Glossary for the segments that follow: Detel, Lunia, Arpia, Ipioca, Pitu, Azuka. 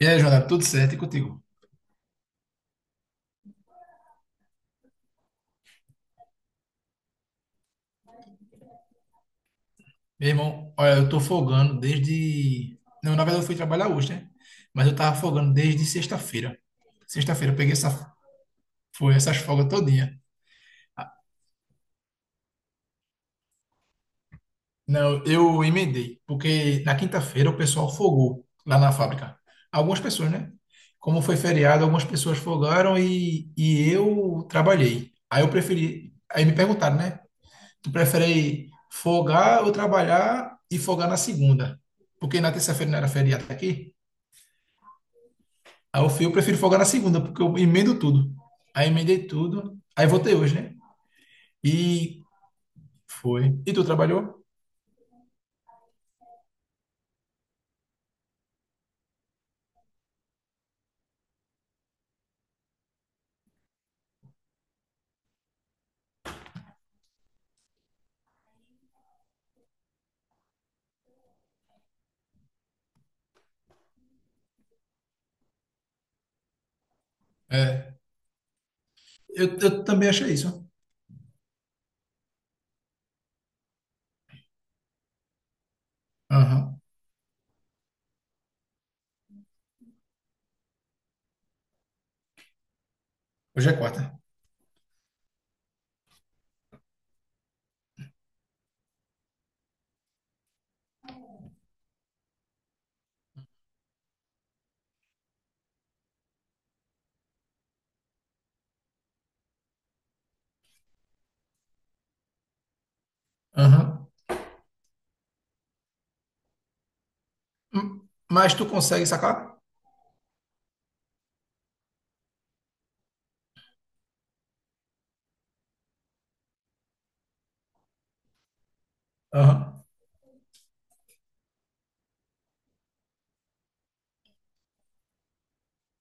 E aí, Jonathan, tudo certo? E contigo? Meu irmão, olha, eu tô folgando desde. Não, na verdade eu fui trabalhar hoje, né? Mas eu tava folgando desde sexta-feira. Sexta-feira eu peguei essa... Foi essas folgas todinha. Não, eu emendei, porque na quinta-feira o pessoal folgou lá na fábrica. Algumas pessoas, né? Como foi feriado, algumas pessoas folgaram e eu trabalhei. Aí eu preferi. Aí me perguntaram, né? Tu prefere folgar ou trabalhar e folgar na segunda? Porque na terça-feira não era feriado aqui? Aí eu fui, eu prefiro folgar na segunda, porque eu emendo tudo. Aí emendei tudo. Aí voltei hoje, né? E foi. E tu trabalhou? É. Eu também achei isso. Aham. Hoje é quarta. Aham. Mas tu consegue sacar? Aham.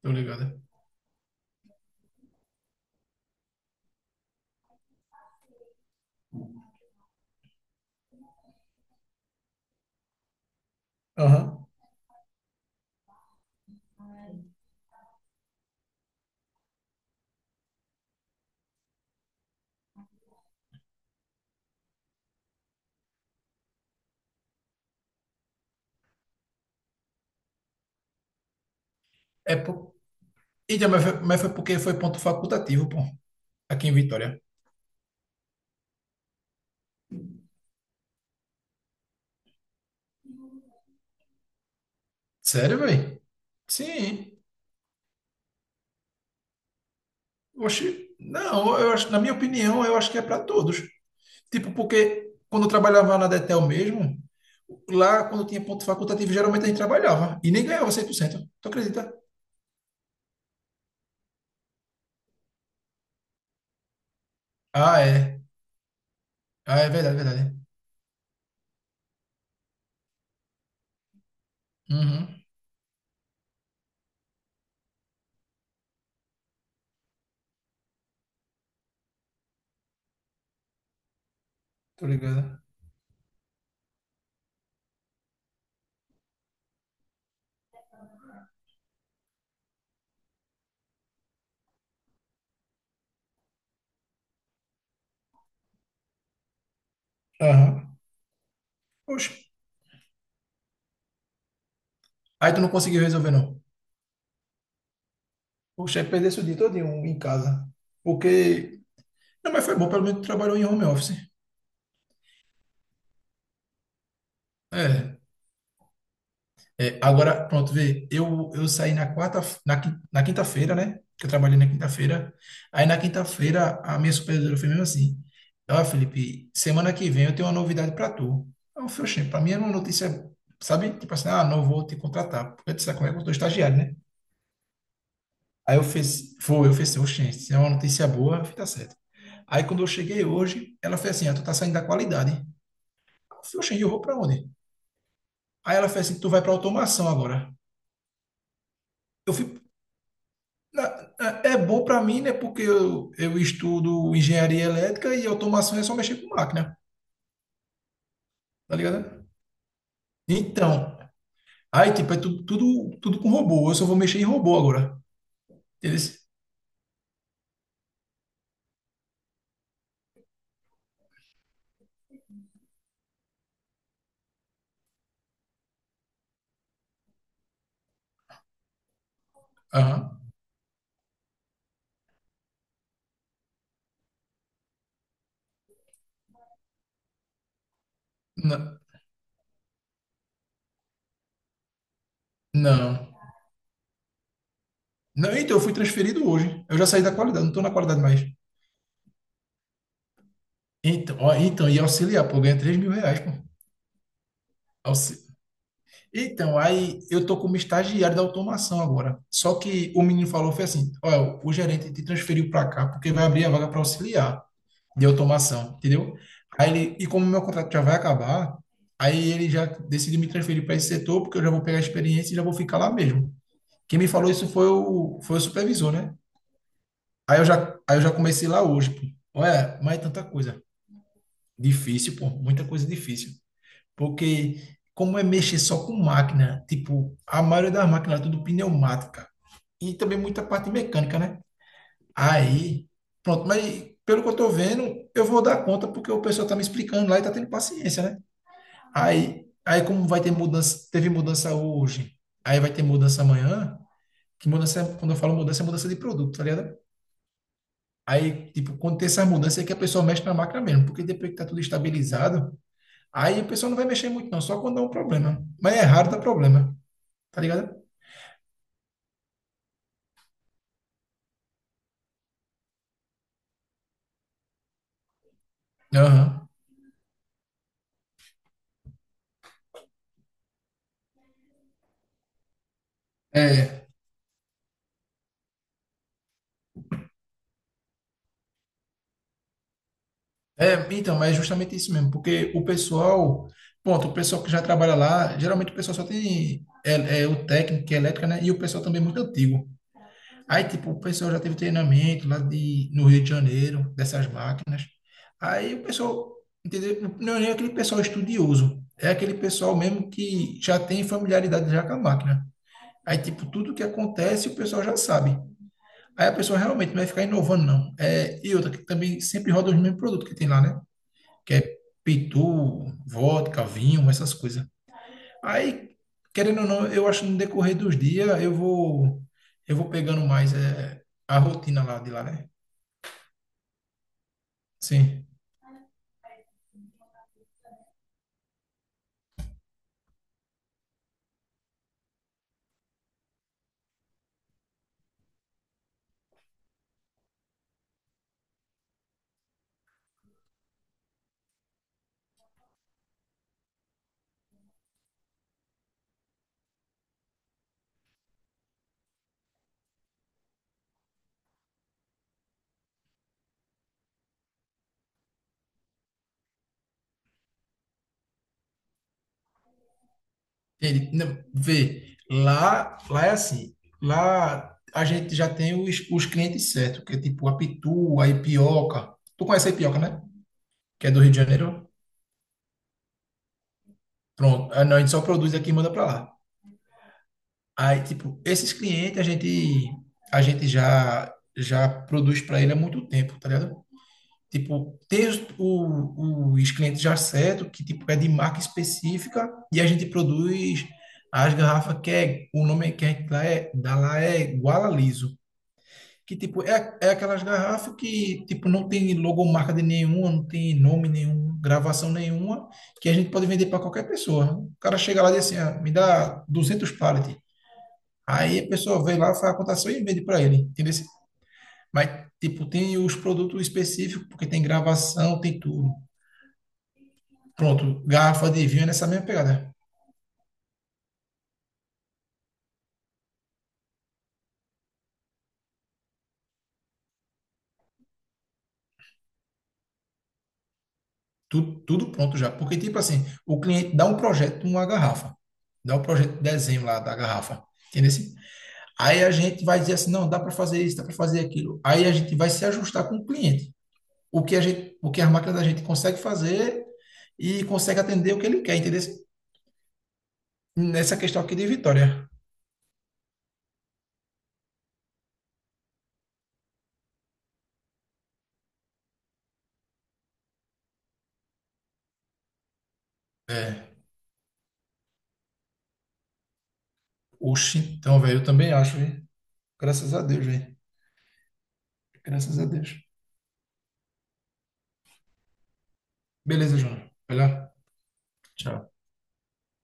Tô ligado. Aham. É por... Então, mas foi porque foi ponto facultativo, pô. Aqui em Vitória. Sério, velho? Sim. Oxi. Não, eu acho, na minha opinião, eu acho que é para todos. Tipo, porque quando eu trabalhava na Detel mesmo, lá quando tinha ponto facultativo, geralmente a gente trabalhava e nem ganhava 100%, tu acredita? Ah, é. Ah, é verdade, verdade. Uhum, tô ligado. Aham. Poxa, aí tu não conseguiu resolver, não. Poxa, aí perdesse o dia todinho em casa. Porque. Não, mas foi bom, pelo menos tu trabalhou em home office. É. É, agora, pronto, vê, eu saí na quarta, na, na quinta-feira, né? Que eu trabalhei na quinta-feira. Aí na quinta-feira a minha supervisora foi mesmo assim: Ó, Felipe, semana que vem eu tenho uma novidade pra tu. Aí eu falei, "Oxê, pra mim era uma notícia, sabe? Tipo assim, ah, não vou te contratar, porque tu sabe como é que eu tô estagiário, né? Aí eu fiz, foi, eu fiz assim, oxê, se é uma notícia boa, fica certo. Aí quando eu cheguei hoje, ela fez assim, ah, tu tá saindo da qualidade. Eu falei, oxê, e eu vou pra onde? Aí ela fez assim, tu vai pra automação agora. Eu fui Na- é bom para mim, né? Porque eu estudo engenharia elétrica e automação é só mexer com máquina, tá ligado? Então, aí, tipo, é tudo com robô. Eu só vou mexer em robô agora. Eles? Aham. N- Não. Não, então, eu fui transferido hoje. Eu já saí da qualidade, não tô na qualidade mais. Então, ó, então, e auxiliar, pô, ganha 3 mil reais, pô. Auxi- Então, aí eu tô como estagiário da automação agora. Só que o menino falou, foi assim, olha, o gerente te transferiu para cá porque vai abrir a vaga para auxiliar de automação, entendeu? Aí ele, e como meu contrato já vai acabar, aí ele já decidiu me transferir para esse setor, porque eu já vou pegar a experiência e já vou ficar lá mesmo. Quem me falou isso foi foi o supervisor, né? Aí eu já comecei lá hoje, pô. Olha, mas é tanta coisa difícil, pô, muita coisa difícil. Porque como é mexer só com máquina, tipo, a maioria das máquinas é tudo pneumática e também muita parte mecânica, né? Aí, pronto, mas pelo que eu tô vendo, eu vou dar conta porque o pessoal tá me explicando lá e tá tendo paciência, né? Aí, como vai ter mudança, teve mudança hoje, aí vai ter mudança amanhã, que mudança, quando eu falo mudança, é mudança de produto, tá ligado? Aí, tipo, quando tem essa mudança é que a pessoa mexe na máquina mesmo, porque depois que tá tudo estabilizado, aí a pessoa não vai mexer muito não, só quando dá um problema. Mas é raro dar problema, tá ligado? Aham. É, É, então, mas é justamente isso mesmo, porque o pessoal, pronto, o pessoal que já trabalha lá, geralmente o pessoal só tem o técnico, que é elétrica, né? E o pessoal também é muito antigo. Aí, tipo, o pessoal já teve treinamento lá de, no Rio de Janeiro, dessas máquinas. Aí o pessoal, entendeu? Não é nem aquele pessoal estudioso, é aquele pessoal mesmo que já tem familiaridade já com a máquina. Aí, tipo, tudo que acontece o pessoal já sabe. Aí a pessoa realmente não vai ficar inovando, não. É, e outra, que também sempre roda os mesmos produtos que tem lá, né? Que é pitu, vodka, vinho, essas coisas. Aí, querendo ou não, eu acho que no decorrer dos dias eu vou pegando mais é, a rotina lá de lá, né? Sim. Ele, não, vê, lá é assim, lá a gente já tem os clientes certos, que é tipo a pitu, a ipioca. Tu conhece a ipioca, né? Que é do Rio de Janeiro? Pronto. Ah, não, a gente só produz aqui e manda pra lá. Aí, tipo, esses clientes a gente já produz para ele há muito tempo, tá ligado? Tipo, tem os clientes já certo que tipo é de marca específica e a gente produz as garrafas que é o nome que a gente dá lá é guala liso que tipo é aquelas garrafas que tipo não tem logomarca de nenhuma, não tem nome nenhum, gravação nenhuma, que a gente pode vender para qualquer pessoa. O cara chega lá e diz assim, ah, me dá 200 pallets. Aí a pessoa vê lá, faz a cotação e vende para ele, entendeu? Mas, tipo, tem os produtos específicos, porque tem gravação, tem tudo. Pronto, garrafa de vinho é nessa mesma pegada. Tudo, tudo pronto já. Porque, tipo assim, o cliente dá um projeto, uma garrafa. Dá um projeto de desenho lá da garrafa. Entendeu? Aí a gente vai dizer assim, não, dá para fazer isso, dá para fazer aquilo. Aí a gente vai se ajustar com o cliente. O que a gente, o que a máquina da gente consegue fazer e consegue atender o que ele quer, entendeu? Nessa questão aqui de Vitória. É. Oxi, então, velho, eu também acho, hein? Graças a Deus, velho. Graças a Deus. Beleza, João. Vai lá. Tchau.